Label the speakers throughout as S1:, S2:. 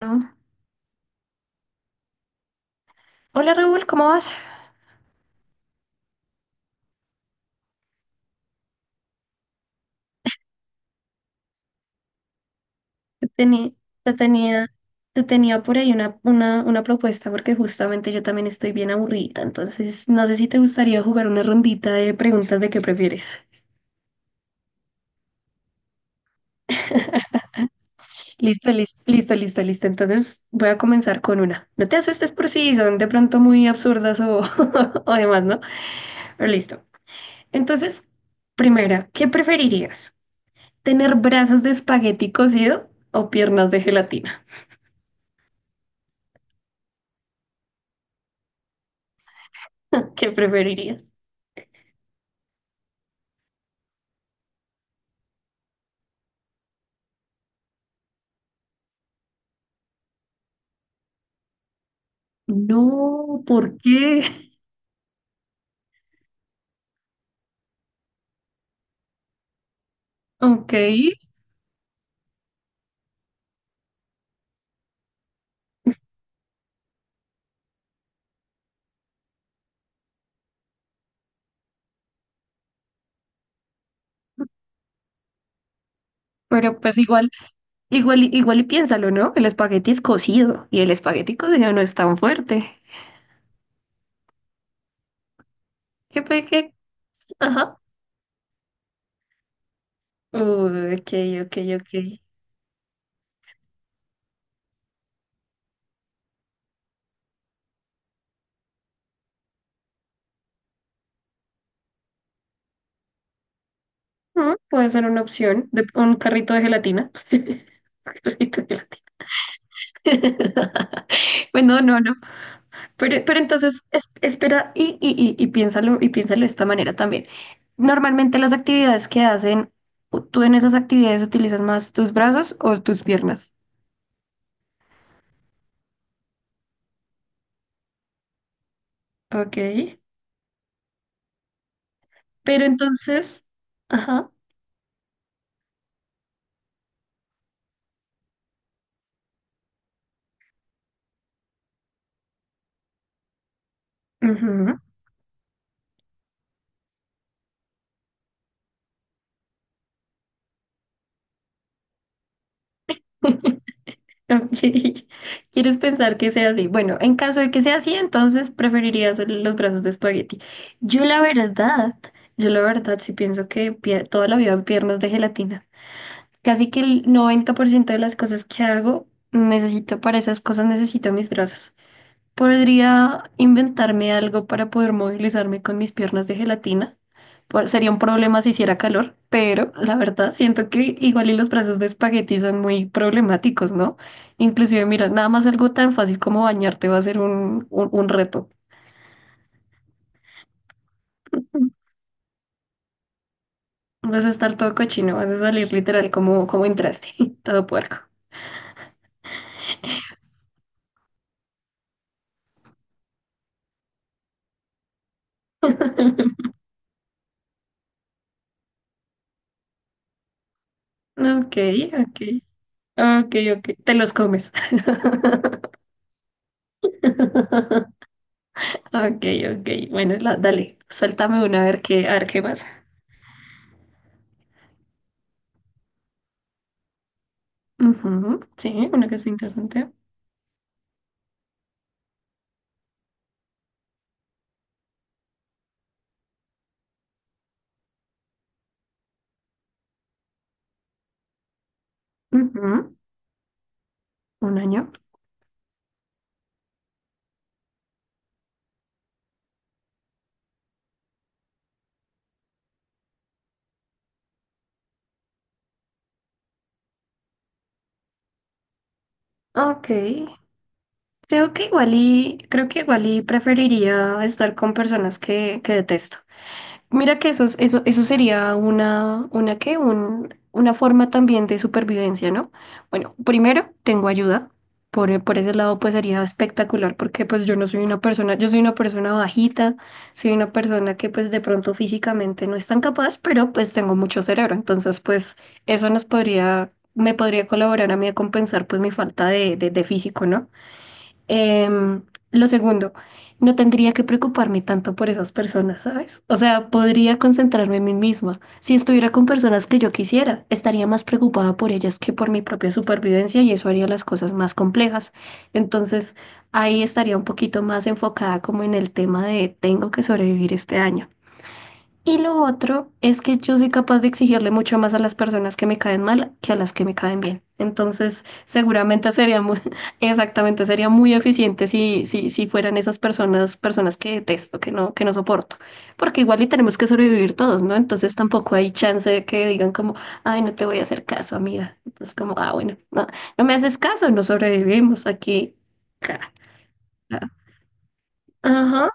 S1: Bueno, hola Raúl, ¿cómo vas? Te tenía, te tenía, te tenía por ahí una propuesta porque justamente yo también estoy bien aburrida, entonces no sé si te gustaría jugar una rondita de preguntas de qué prefieres. Listo, listo, listo, listo, listo. Entonces voy a comenzar con una. No te asustes por si son de pronto muy absurdas o, o demás, ¿no? Pero listo. Entonces, primera, ¿qué preferirías? ¿Tener brazos de espagueti cocido o piernas de gelatina? ¿Qué preferirías? No, ¿por qué? Ok, pero pues igual y piénsalo, ¿no? El espagueti es cocido y el espagueti cocido no es tan fuerte. ¿Qué pe qué? Ajá. Uy, ok, ok, ok. Puede ser una opción de un carrito de gelatina. Carrito de gelatina. Bueno, no, no. Pero, pero entonces espera y piénsalo, de esta manera también. Normalmente las actividades que hacen, ¿tú en esas actividades utilizas más tus brazos o tus piernas? Ok. Pero entonces, ajá. Ujú, ok. ¿Quieres pensar que sea así? Bueno, en caso de que sea así, entonces preferirías los brazos de espagueti. Yo la verdad, yo la verdad sí pienso que toda la vida piernas de gelatina. Casi que el 90% de las cosas que hago, necesito para esas cosas, necesito mis brazos. Podría inventarme algo para poder movilizarme con mis piernas de gelatina. Sería un problema si hiciera calor, pero la verdad siento que igual y los brazos de espagueti son muy problemáticos, ¿no? Inclusive, mira, nada más algo tan fácil como bañarte va a ser un reto. Vas a estar todo cochino, vas a salir literal como, entraste, todo puerco. Ok, ok. Ok, ok, te los comes. Ok, ok, bueno, dale, suéltame una a ver qué pasa. Ujú, sí, una que sea interesante. Ujú, un año. Ok, creo que igual y preferiría estar con personas que, detesto. Mira que eso, eso, sería una, ¿qué? Una forma también de supervivencia, ¿no? Bueno, primero tengo ayuda. Por ese lado, pues sería espectacular porque pues yo no soy una persona, yo soy una persona bajita, soy una persona que pues de pronto físicamente no es tan capaz, pero pues tengo mucho cerebro. Entonces, pues eso nos podría, me podría colaborar a mí a compensar pues mi falta de, de físico, ¿no? Em, lo segundo, no tendría que preocuparme tanto por esas personas, ¿sabes? O sea, podría concentrarme en mí misma. Si estuviera con personas que yo quisiera, estaría más preocupada por ellas que por mi propia supervivencia y eso haría las cosas más complejas. Entonces, ahí estaría un poquito más enfocada como en el tema de tengo que sobrevivir este año. Y lo otro es que yo soy capaz de exigirle mucho más a las personas que me caen mal que a las que me caen bien. Entonces, seguramente sería muy, exactamente, sería muy eficiente si fueran esas personas, personas que detesto, que no soporto. Porque igual y tenemos que sobrevivir todos, ¿no? Entonces tampoco hay chance de que digan como, ay, no te voy a hacer caso, amiga. Entonces, como, ah, bueno, no, no me haces caso, no sobrevivimos aquí. Ca- ca- Ajá.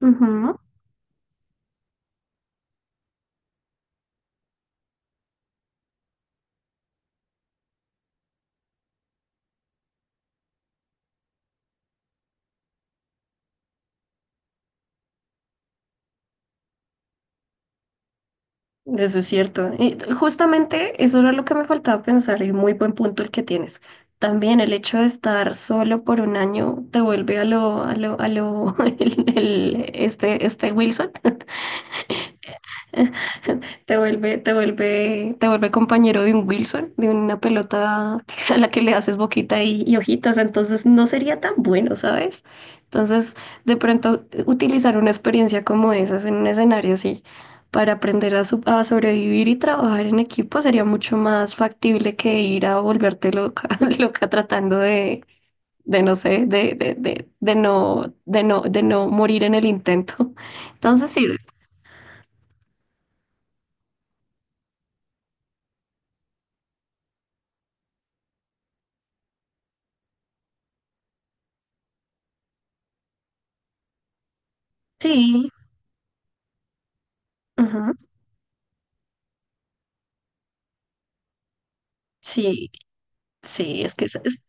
S1: Ujú. Eso es cierto. Y justamente eso era lo que me faltaba pensar y muy buen punto el que tienes. También el hecho de estar solo por un año te vuelve a lo, este Wilson. Te vuelve compañero de un Wilson, de una pelota a la que le haces boquita y ojitos, entonces no sería tan bueno, ¿sabes? Entonces, de pronto, utilizar una experiencia como esas en un escenario así para aprender a sobrevivir y trabajar en equipo sería mucho más factible que ir a volverte loca, loca tratando de no sé, de no morir en el intento. Entonces, sí, sí. Ujú, sí, sí, es que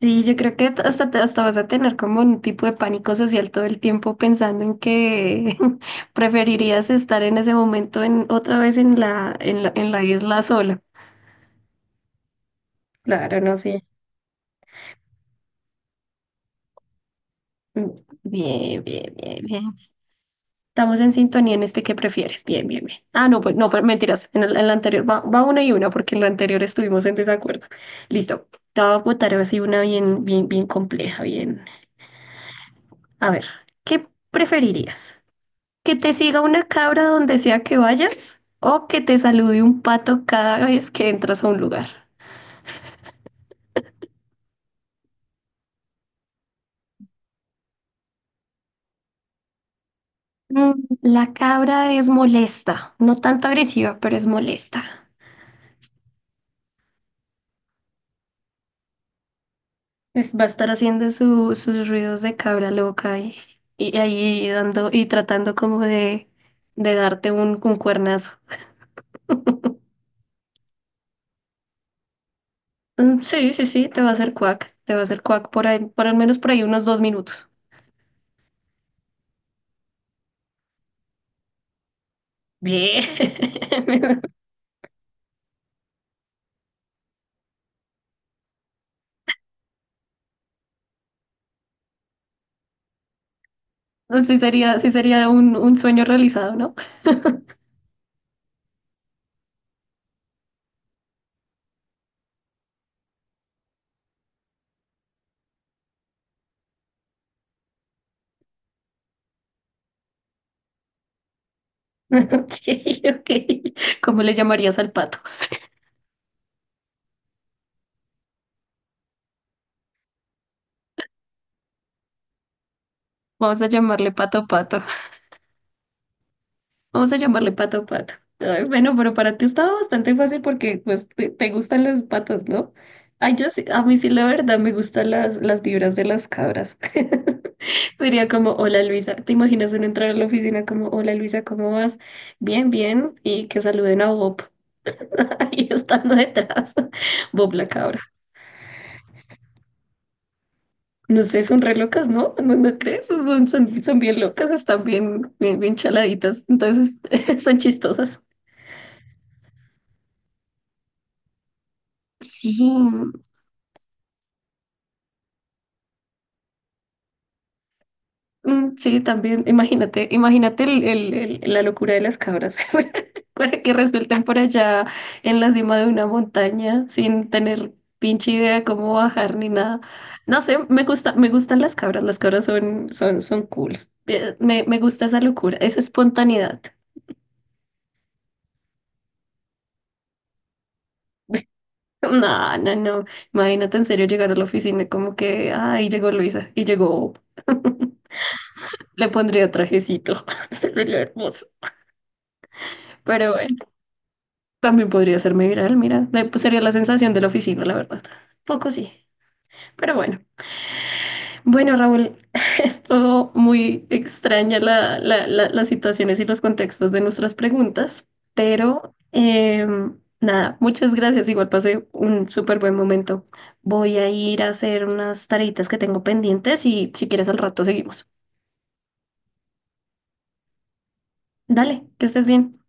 S1: sí, yo creo que hasta, hasta vas a tener como un tipo de pánico social todo el tiempo pensando en que preferirías estar en ese momento en otra vez en la, en la isla sola. Claro, no sé. Mm, Bien, bien, bien, bien. Estamos en sintonía en este que prefieres. Bien, bien, bien. Ah, no, pues no, pero mentiras. En la anterior va una y una porque en la anterior estuvimos en desacuerdo. Listo. Te voy a botar así una bien, bien, bien compleja, bien. A ver, ¿qué preferirías? Que te siga una cabra donde sea que vayas o que te salude un pato cada vez que entras a un lugar. Mm, La cabra es molesta, no tanto agresiva, pero es molesta. Va a estar haciendo sus ruidos de cabra loca y, ahí dando y tratando como de, darte un, cuernazo. Mm, sí, sí, sí, te va a hacer cuac, te va a hacer cuac por ahí, por al menos por ahí unos 2 minutos. Bien. Sí sería un, sueño realizado, ¿no? Ok, ok. ¿Cómo le llamarías al pato? Vamos a llamarle pato pato. Vamos a llamarle pato pato. Ay, bueno, pero para ti estaba bastante fácil porque pues te gustan los patos, ¿no? Ay, yo sí, a mí sí la verdad me gustan las, vibras de las cabras. Sería como, hola Luisa, ¿te imaginas uno entrar a la oficina como, hola Luisa, ¿cómo vas? Bien, bien, y que saluden a Bob ahí estando detrás, Bob la cabra. No sé, son re locas, ¿no? ¿No, no crees? Son bien locas, están bien, bien, bien chaladitas, entonces son chistosas. Sí, mm, sí, también, imagínate el, la locura de las cabras, para que resultan por allá en la cima de una montaña sin tener pinche idea de cómo bajar ni nada. No sé, me gustan las cabras, son cool. Me gusta esa locura, esa espontaneidad. No, no, no. Imagínate en serio llegar a la oficina como que, ay, llegó Luisa y llegó, le pondría trajecito. Sería hermoso. Pero bueno, también podría hacerme viral, mira. Pues, sería la sensación de la oficina, la verdad. Poco sí. Pero bueno. Bueno, Raúl, es todo muy extraña la, las situaciones y los contextos de nuestras preguntas, pero nada, muchas gracias. Igual pasé un súper buen momento. Voy a ir a hacer unas tareitas que tengo pendientes y si quieres al rato seguimos. Dale, que estés bien.